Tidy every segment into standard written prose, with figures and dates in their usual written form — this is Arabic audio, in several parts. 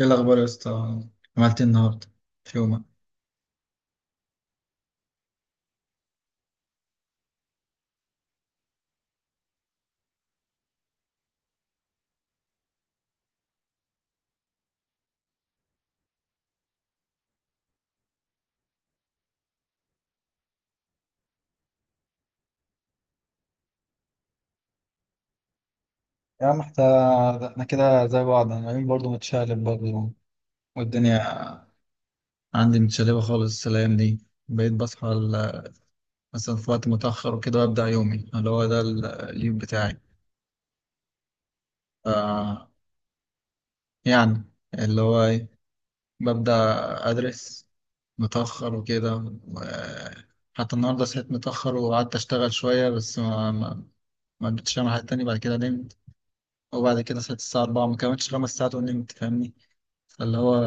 ايه الاخبار يا اسطى؟ عملت ايه النهارده في يومك؟ يا عم احنا كده زي بعض. انا يومي برضه متشقلب، برضه، والدنيا عندي متشلبه خالص الايام دي. بقيت بصحى مثلا في وقت متاخر وكده، وابدا يومي اللي هو ده اليوم بتاعي. ف، يعني اللي هو ايه؟ ببدا ادرس متاخر وكده. حتى النهارده صحيت متاخر وقعدت اشتغل شويه، بس ما ما قدرتش اعمل حاجه تانية بعد كده. نمت، وبعد كده صحيت الساعة 4، ما كملتش خمس ساعات ونمت، فاهمني؟ فاللي هو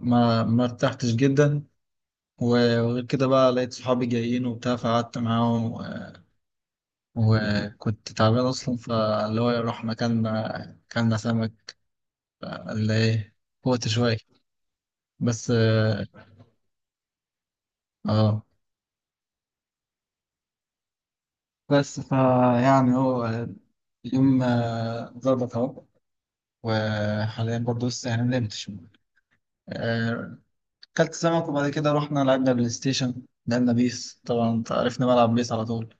ما ارتحتش جدا. وغير كده بقى، لقيت صحابي جايين وبتاع، فقعدت معاهم وكنت تعبان أصلا، فاللي هو رحنا كلنا سمك. اللي إيه؟ قوت شوية، بس اه. آه. بس فيعني هو اليوم ظبط أهو. وحاليا برضه لسه يعني ما نمتش. آه، كلت سمك وبعد كده رحنا لعبنا بلاي ستيشن، لعبنا بيس. طبعا انت عرفني بلعب بيس على طول.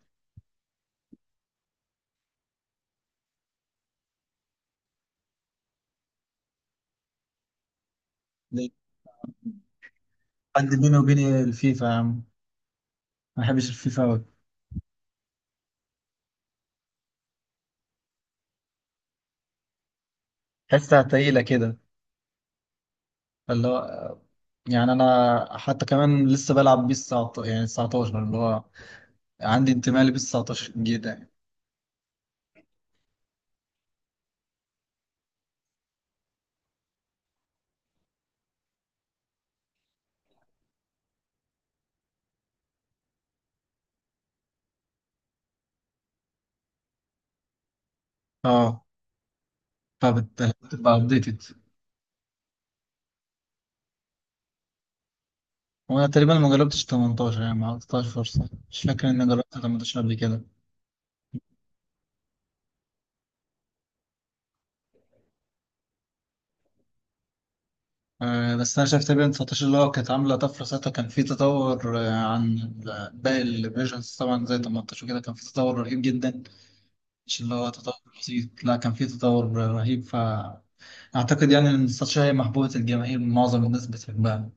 ليه؟ عندي بيني وبين الفيفا يا عم، ما بحبش الفيفا أوي. تحسها تقيلة كده، اللي هو يعني. أنا حتى كمان لسه بلعب بيس 19، يعني 19 اللي هو، عندي انتماء لبيس 19 جدا يعني. اه فبتبقى أبديتد. وأنا تقريبا ما جربتش 18، يعني ما عطيتهاش فرصة، مش فاكر إني جربت 18 قبل كده. بس انا شفت بين 19 اللي هو كانت عامله طفره ساعتها، كان في تطور عن باقي الفيرجنز، طبعا زي 18 وكده كان في تطور رهيب جدا. مش اللي هو تطور بسيط، لا كان في تطور رهيب. فاعتقد يعني ان 19 هي محبوبه الجماهير، معظم الناس بتحبها.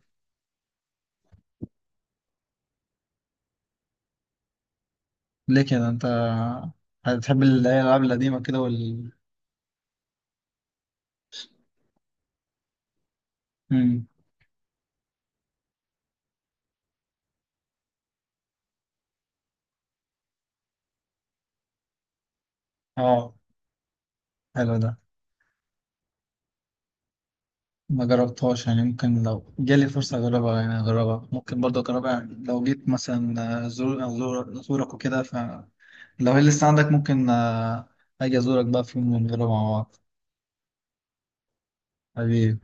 ليه كده انت بتحب الالعاب القديمه كده مم. اه حلو ده، ما جربتهاش. يعني ممكن لو جالي فرصة أجربها، يعني أجربها، ممكن برضه أجربها يعني. لو جيت مثلا أزورك وكده، لو هي لسه عندك ممكن، اجي ازورك بقى في يوم ونجرب مع بعض. حبيبي.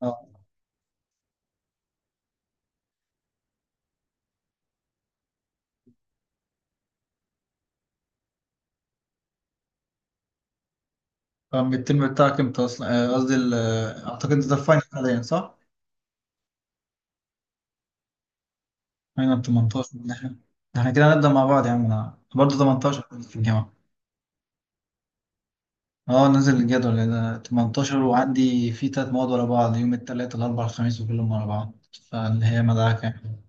اه. طب الترم بتاعك امتى اصلا؟ قصدي اعتقد انت في فاينل حاليا، صح؟ فاينل 18. ده احنا، ده احنا كده هنبدأ مع بعض يا عم، انا برضه 18 في الجامعة. اه نزل الجدول. انا 18، وعندي في تلات مواد ورا بعض، يوم التلات الاربع الخميس، وكلهم ورا بعض. فاللي هي مدعكة يعني.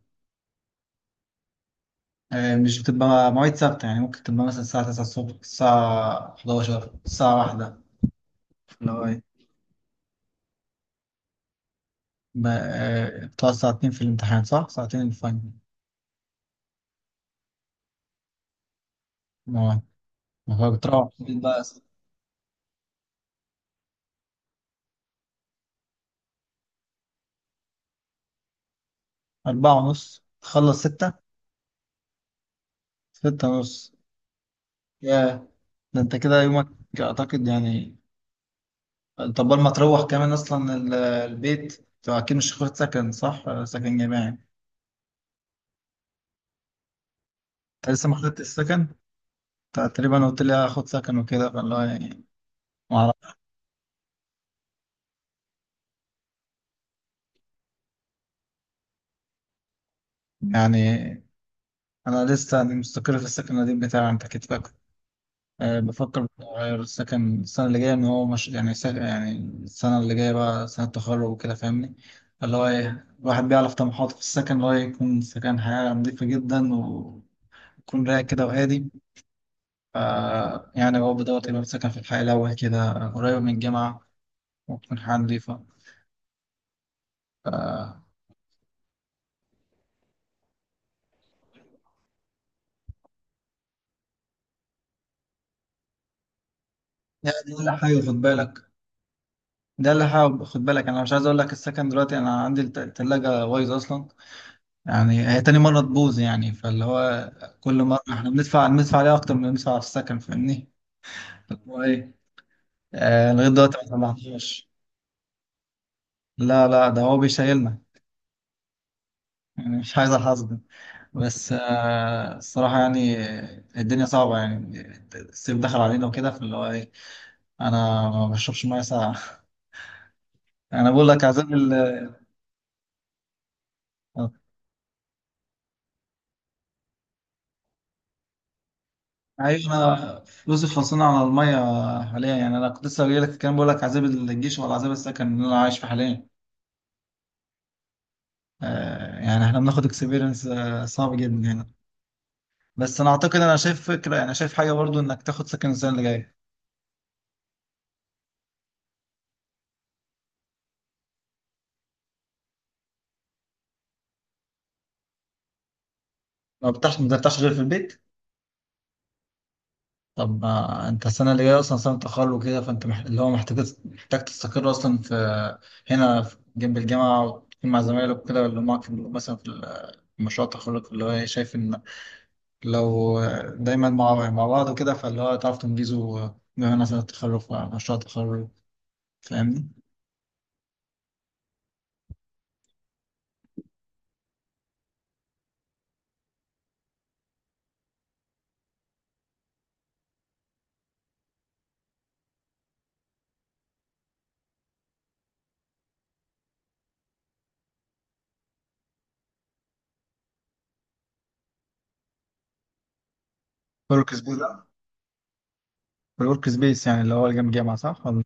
مش بتبقى مواعيد ثابتة، يعني ممكن تبقى مثلا الساعة 9 الصبح، الساعة 11، الساعة 1. ما بتقعد ساعتين في الامتحان صح؟ ساعتين الفاينل. ما ما هو بتروح البيت بقى. أربعة ونص تخلص ستة. ستة ونص. ياه. ده أنت كده يومك، أعتقد يعني. طب ما تروح كمان أصلا البيت؟ أنت أكيد مش هتاخد سكن صح؟ سكن جامعي أنت؟ لسه ما خدتش السكن؟ أنت تقريبا قلت لي هاخد سكن وكده، فالله يعني ما أعرف. يعني أنا لسه يعني مستقر في السكن القديم بتاعي، أنت أكيد فاكر. أه بفكر أغير السكن السنة اللي جاية، إن هو مش يعني يعني السنة اللي جاية بقى سنة تخرج وكده، فاهمني؟ اللي هو إيه؟ الواحد بيعرف طموحاته في السكن، اللي هو يكون سكن حياة نظيفة جدا، ويكون رايق كده وهادي. ف، يعني هو بدور يبقى سكن في الحي الأول كده، قريب من الجامعة، وتكون حياة نظيفة. ف، يعني ده اللي حابب خد بالك. ده اللي حابب خد بالك. أنا مش عايز أقول لك السكن دلوقتي، أنا عندي التلاجة بايظة أصلا، يعني هي تاني مرة تبوظ يعني. فاللي هو كل مرة احنا بندفع عليها أكتر من اللي بندفع على السكن، فاهمني؟ اللي هو إيه؟ آه لغاية دلوقتي ما طلعناش. لا لا ده هو بيشيلنا. يعني مش عايز الحظ ده. بس آه الصراحة يعني، الدنيا صعبة يعني. الصيف دخل علينا وكده، فاللي هو إيه، أنا ما بشربش مية ساقعة. أنا بقول لك عذاب ال آه، أيوة. أنا فلوسي خلصانة على المية حاليا، يعني أنا كنت لسه جايلك في الكلام بقول لك عذاب الجيش ولا عذاب السكن اللي أنا عايش فيه حاليا. يعني احنا بناخد اكسبيرينس صعب جدا هنا. بس انا اعتقد، انا شايف فكره يعني، شايف حاجه برضو انك تاخد سكن السنه اللي جايه. ما بترتاحش غير في البيت. طب ما انت السنه اللي جايه اصلا سنه تخرج وكده، فانت اللي هو محتاج، تستقر اصلا في هنا جنب الجامعه، وتكون مع زمايلك وكده اللي هم معاك في مثلا في في مشروع التخرج. اللي هو إيه، شايف ان لو دايما مع بعض وكده، فاللي هو تعرف تنجزه. بما مثلا التخرج، مشروع التخرج، فاهمني؟ كل الكسبوز الورك سبيس يعني اللي هو جنب جامعة، صح؟ ولا؟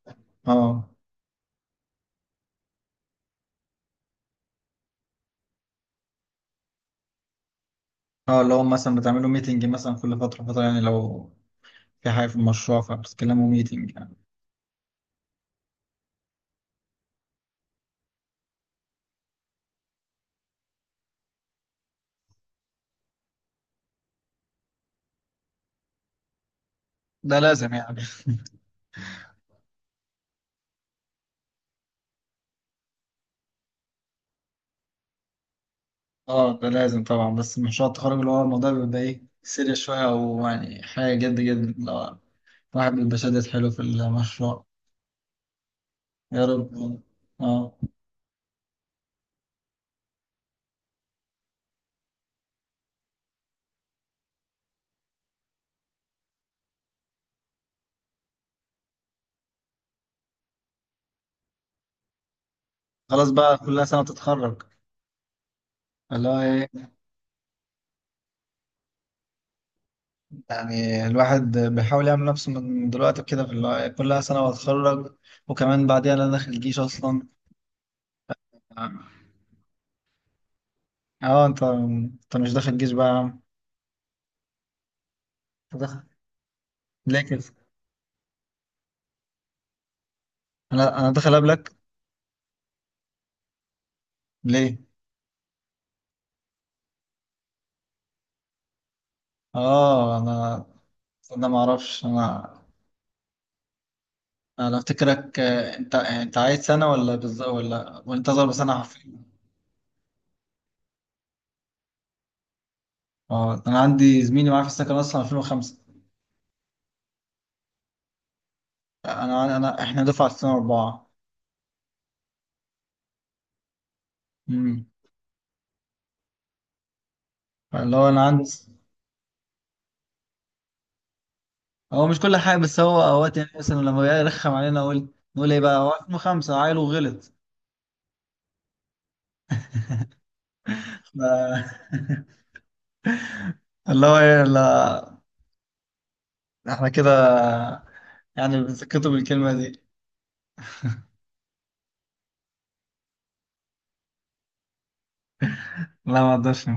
اه. اه اللي هو مثلا بتعملوا ميتنج مثلا كل فترة فترة يعني، لو في حاجة في المشروع فبتتكلموا ميتنج يعني. ده لازم يعني. اه ده لازم طبعا، بس مشروع التخرج اللي هو الموضوع بيبقى ايه سيريس شوية، أو يعني حاجة جد جد، لو واحد بيبقى شادد حلو في المشروع. يا رب. اه. خلاص بقى، كلها سنة تتخرج. اللي هو ايه، يعني الواحد بيحاول يعمل نفسه من دلوقتي كده في اللي هو إيه، كلها سنة واتخرج. وكمان بعديها انا داخل الجيش اصلا. اه. اه، انت مش داخل الجيش بقى يا عم؟ أنت داخل؟ ليه كده؟ انا داخل قبلك. ليه؟ اه انا، انا ما اعرفش انا. انا افتكرك انت عايز سنه، ولا بالظبط، ولا وانت اصغر بسنه حرفيا؟ اه انا عندي زميلي معايا في السكن اصلا 2005. انا انا احنا دفعه 2004. امم. اللي هو انا عندي. هو مش كل حاجه، بس هو اوقات يعني مثلا لما يرخم علينا نقول ايه بقى، هو 2005 عيل وغلط. ف- اللي هو ايه. لا احنا كده يعني بنسكته بالكلمة دي. لا ما اقدرش.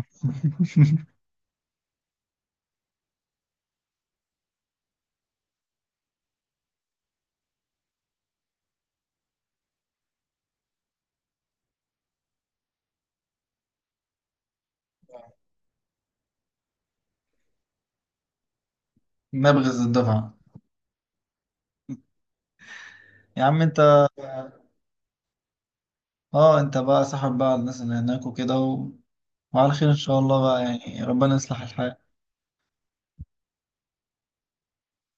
نبغز الدفعة. يا عم انت، اه انت بقى صاحب بقى الناس اللي هناك وكده وعلى خير ان شاء الله بقى، يعني ربنا يصلح الحال.